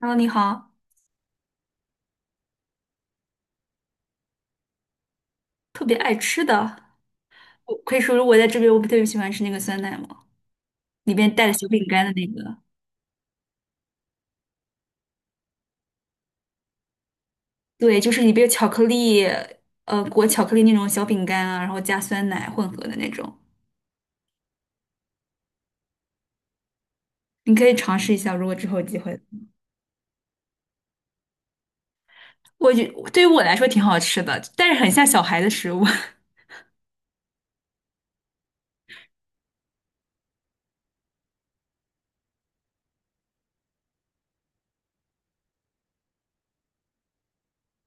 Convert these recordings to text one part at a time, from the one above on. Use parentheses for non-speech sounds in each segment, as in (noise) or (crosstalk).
h e 你好，特别爱吃的，我可以说说我在这边，我不特别喜欢吃那个酸奶嘛，里边带着小饼干的那个，对，就是里边有巧克力，裹巧克力那种小饼干啊，然后加酸奶混合的那种，你可以尝试一下，如果之后有机会。我觉对于我来说挺好吃的，但是很像小孩的食物。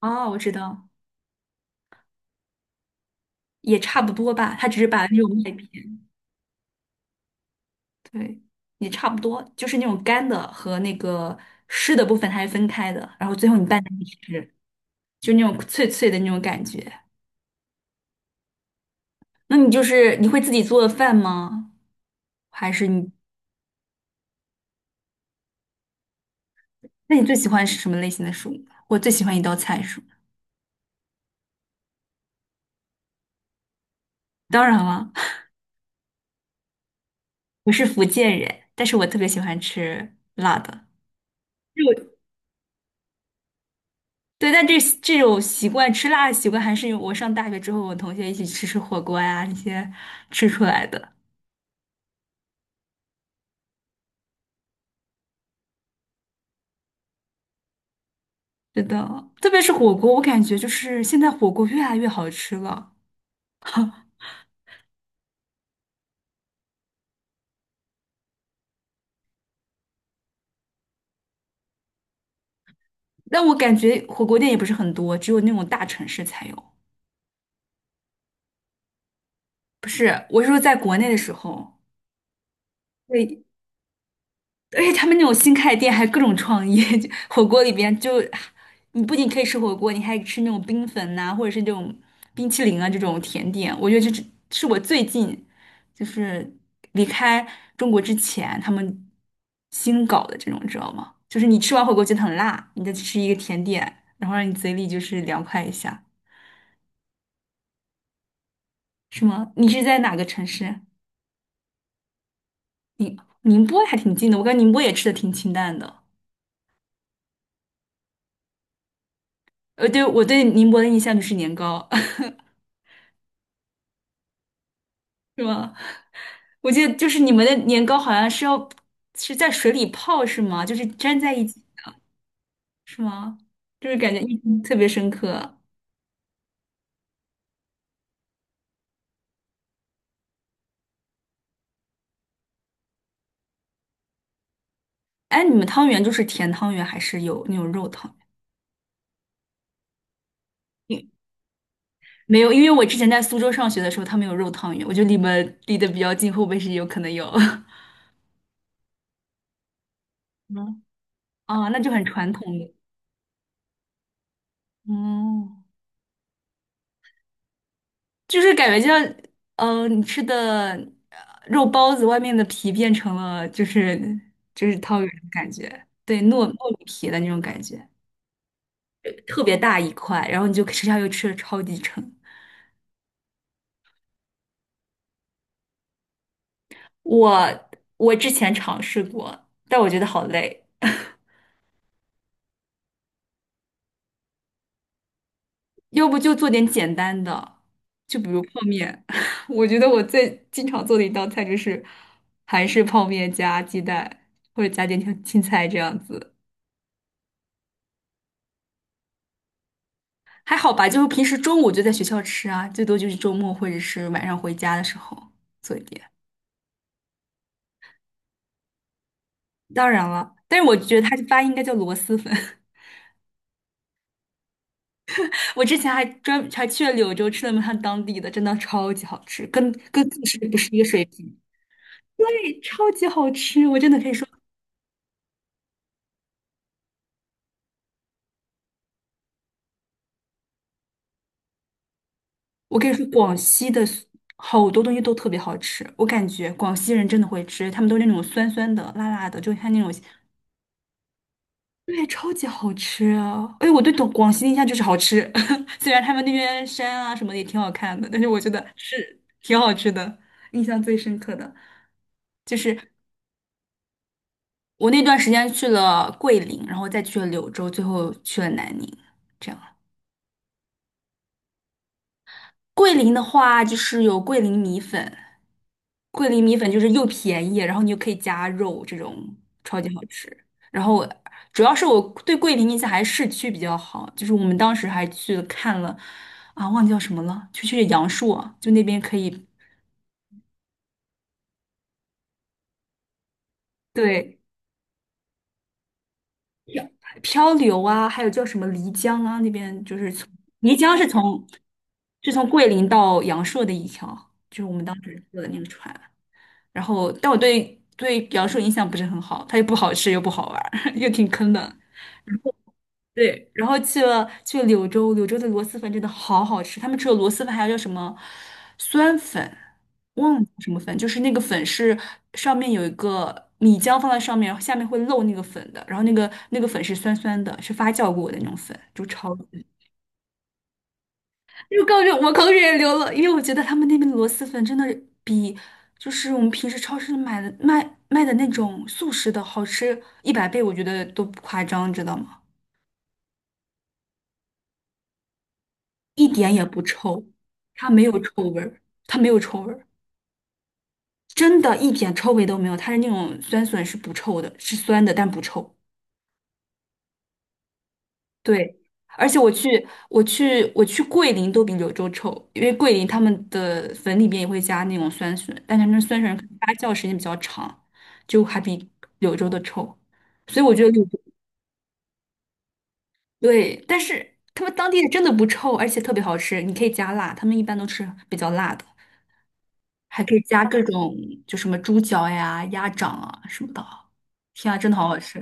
(laughs) 哦，我知道，也差不多吧，它只是把那种麦片，对，也差不多，就是那种干的和那个湿的部分它是分开的，然后最后你拌在一起吃。就那种脆脆的那种感觉。那你就是你会自己做饭吗？还是你？那你最喜欢是什么类型的食物呢？我最喜欢一道菜是什么？当然了，(laughs) 我是福建人，但是我特别喜欢吃辣的。就对，但这种吃辣的习惯，还是我上大学之后，我同学一起吃火锅呀，那些吃出来的。是的，特别是火锅，我感觉就是现在火锅越来越好吃了。(laughs) 但我感觉火锅店也不是很多，只有那种大城市才有。不是，我是说在国内的时候，对，而且他们那种新开的店还各种创意，(laughs) 就火锅里边就你不仅可以吃火锅，你还吃那种冰粉呐、或者是这种冰淇淋啊这种甜点。我觉得这是我最近就是离开中国之前他们新搞的这种，你知道吗？就是你吃完火锅觉得很辣，你再去吃一个甜点，然后让你嘴里就是凉快一下，是吗？你是在哪个城市？宁波还挺近的，我感觉宁波也吃的挺清淡的。呃，对，我对宁波的印象就是年糕，(laughs) 是吗？我记得就是你们的年糕好像是要是在水里泡是吗？就是粘在一起是吗？就是感觉印象特别深刻。哎，你们汤圆就是甜汤圆还是有那种肉汤圆？因没有，因为我之前在苏州上学的时候，他们有肉汤圆，我觉得离得比较近，会不会是有可能有？(laughs) 嗯啊，那就很传统的。哦，就是感觉就像，嗯，你吃的呃肉包子外面的皮变成了就是汤圆的感觉，对，糯米皮的那种感觉，特别大一块，然后你就吃下去吃的超级撑。我我之前尝试过，但我觉得好累，(laughs) 要不就做点简单的，就比如泡面。(laughs) 我觉得我最经常做的一道菜就是韩式泡面加鸡蛋，或者加点青菜这样子。还好吧，就是平时中午就在学校吃啊，最多就是周末或者是晚上回家的时候做一点。当然了，但是我觉得它这发音应该叫螺蛳粉。(laughs) 我之前还去了柳州吃了他们当地的，真的超级好吃，跟自食不是一个水平。对，超级好吃，我真的可以说，我可以说广西的 好多东西都特别好吃。我感觉广西人真的会吃，他们都是那种酸酸的、辣辣的，就像那种。对，超级好吃啊！哎，我对广西的印象就是好吃，(laughs) 虽然他们那边山啊什么的也挺好看的，但是我觉得是挺好吃的，印象最深刻的就是我那段时间去了桂林，然后再去了柳州，最后去了南宁。这样。桂林的话，就是有桂林米粉，桂林米粉就是又便宜，然后你又可以加肉，这种超级好吃。然后我主要是我对桂林印象还是市区比较好，就是我们当时还去了看了，啊，忘记叫什么了，就去阳朔，就那边可以对漂漂流啊，还有叫什么漓江啊，那边就是从漓江是从是从桂林到阳朔的一条，就是我们当时坐的那个船。然后，但我对阳朔印象不是很好，它又不好吃又不好玩儿 (laughs) 又挺坑的。对，然后去了柳州，柳州的螺蛳粉真的好好吃，他们除了螺蛳粉还有叫什么酸粉，忘了叫什么粉，就是那个粉是上面有一个米浆放在上面，下面会漏那个粉的，然后那个粉是酸酸的，是发酵过的那种粉，就超级。又高就我口水也流了，因为我觉得他们那边的螺蛳粉真的比就是我们平时超市买的卖的那种速食的好吃100倍，我觉得都不夸张，知道吗？一点也不臭，它没有臭味儿，它没有臭味儿，真的一点臭味都没有，它是那种酸笋是不臭的，是酸的但不臭。对，而且我去桂林都比柳州臭，因为桂林他们的粉里面也会加那种酸笋，但他们酸笋可能发酵时间比较长，就还比柳州的臭。所以我觉得柳州对，但是他们当地的真的不臭，而且特别好吃，你可以加辣，他们一般都吃比较辣的，还可以加各种就什么猪脚呀、鸭掌啊什么的啊。天啊，真的好好吃！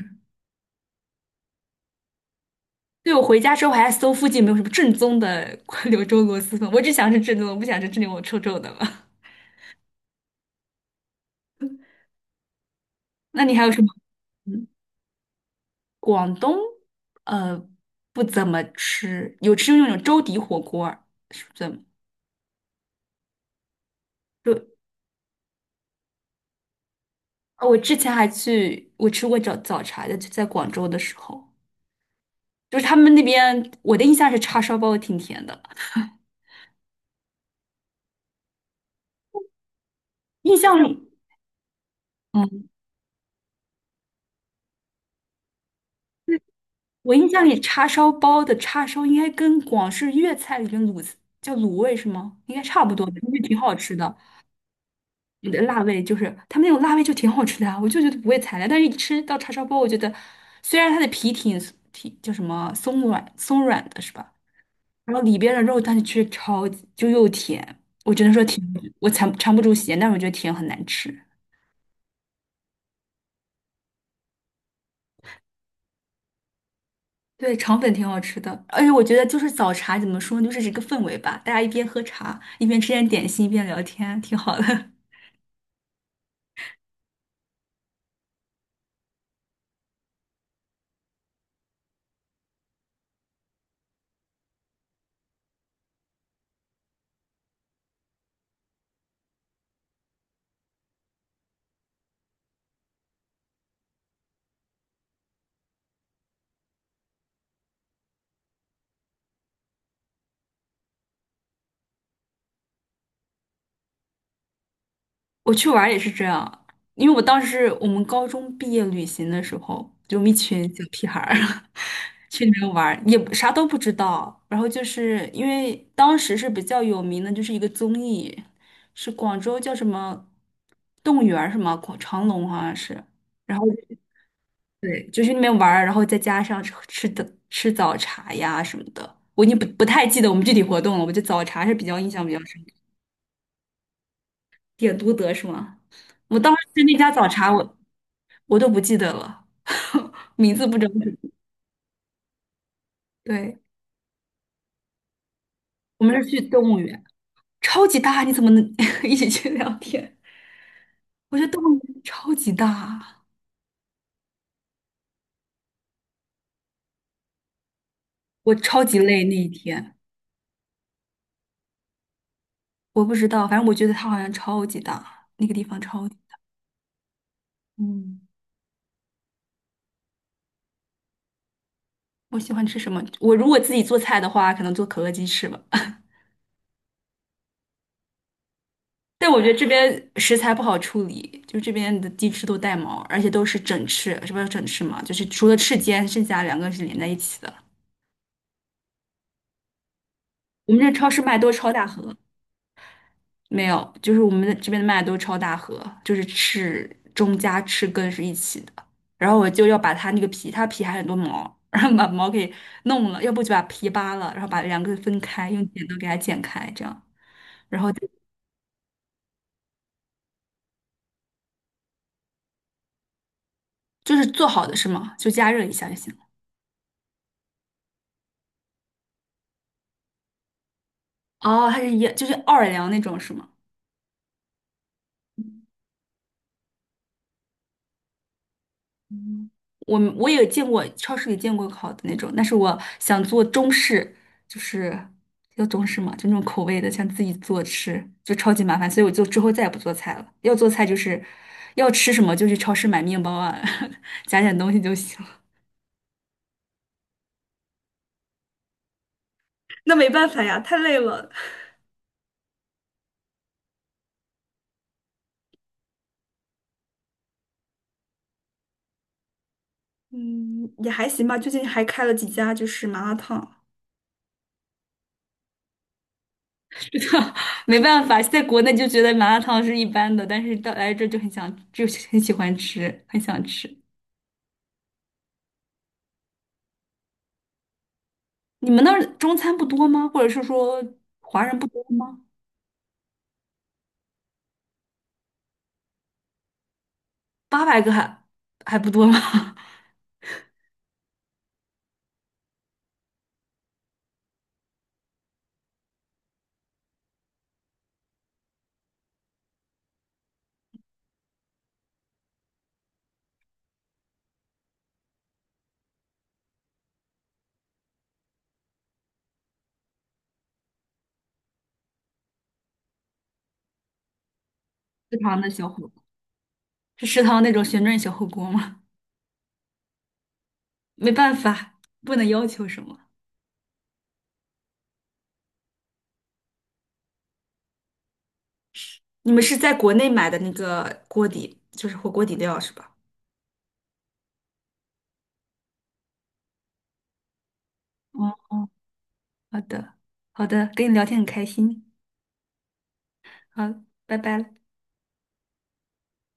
对，我回家之后还搜附近有没有什么正宗的 (laughs) 柳州螺蛳粉，我只想吃正宗的，我不想吃这里我臭臭的了。(laughs) 那你还有什么？嗯广东呃不怎么吃，有吃那种粥底火锅儿是不怎么？就哦我之前我吃过早茶的，就在广州的时候，就是他们那边我的印象是叉烧包挺甜的，印象里嗯，我印象里叉烧包的叉烧应该跟广式粤菜里面叫卤味是吗？应该差不多的，因为挺好吃的。的辣味，就是他们那种辣味就挺好吃的啊，我就觉得不会踩雷。但是一吃到叉烧包，我觉得虽然它的皮挺叫什么松软的是吧？然后里边的肉，但是却超级就又甜，我只能说甜，我尝不住咸，但是我觉得甜很难吃。对，肠粉挺好吃的，而且我觉得就是早茶怎么说呢，就是一个氛围吧，大家一边喝茶，一边吃点点心，一边聊天，挺好的。(laughs) 我去玩儿也是这样，因为我当时我们高中毕业旅行的时候，就我们一群小屁孩儿 (laughs) 去那边玩儿，也不啥都不知道。然后就是因为当时是比较有名的，就是一个综艺，是广州叫什么动物园儿什么广长隆好像是。然后对，就去那边玩儿，然后再加上吃早茶呀什么的，我已经不太记得我们具体活动了。我就早茶是比较印象比较深刻，点都德是吗？我当时那家早茶我。我都不记得了，(laughs) 名字不整体。对，我们是去动物园，超级大，你怎么能 (laughs) 一起去聊天？我觉得动物园超级大，我超级累那一天，我不知道，反正我觉得它好像超级大，那个地方超级。嗯，我喜欢吃什么？我如果自己做菜的话，可能做可乐鸡翅吧。(laughs) 但我觉得这边食材不好处理，就这边的鸡翅都带毛，而且都是整翅，是不是整翅嘛？就是除了翅尖，剩下两个是连在一起的。我们这超市卖都是超大盒，没有，就是我们这边的麦都是超大盒，就是翅中加翅根是一起的。然后我就要把它那个皮，它皮还很多毛，然后把毛给弄了，要不就把皮扒了，然后把两个分开，用剪刀给它剪开，这样，然后就就是做好的是吗？就加热一下就行了。哦，它是就是奥尔良那种是吗？嗯我也见过超市里见过烤的那种，但是我想做中式，就是要中式嘛，就那种口味的，想自己做吃，就超级麻烦，所以我就之后再也不做菜了。要做菜就是要吃什么就去超市买面包啊，(laughs) 加点东西就行了。那没办法呀，太累了。(laughs) 嗯，也还行吧，最近还开了几家就是麻辣烫。(laughs) 没办法，在国内就觉得麻辣烫是一般的，但是到来这就很想，就很喜欢吃，很想吃。你们那儿中餐不多吗？或者是说华人不多吗？800个还还不多吗？(laughs) 食堂的小火锅是食堂那种旋转小火锅吗？没办法，不能要求什么。你们是在国内买的那个锅底，就是火锅底料是吧？哦，好的，好的，跟你聊天很开心，好，拜拜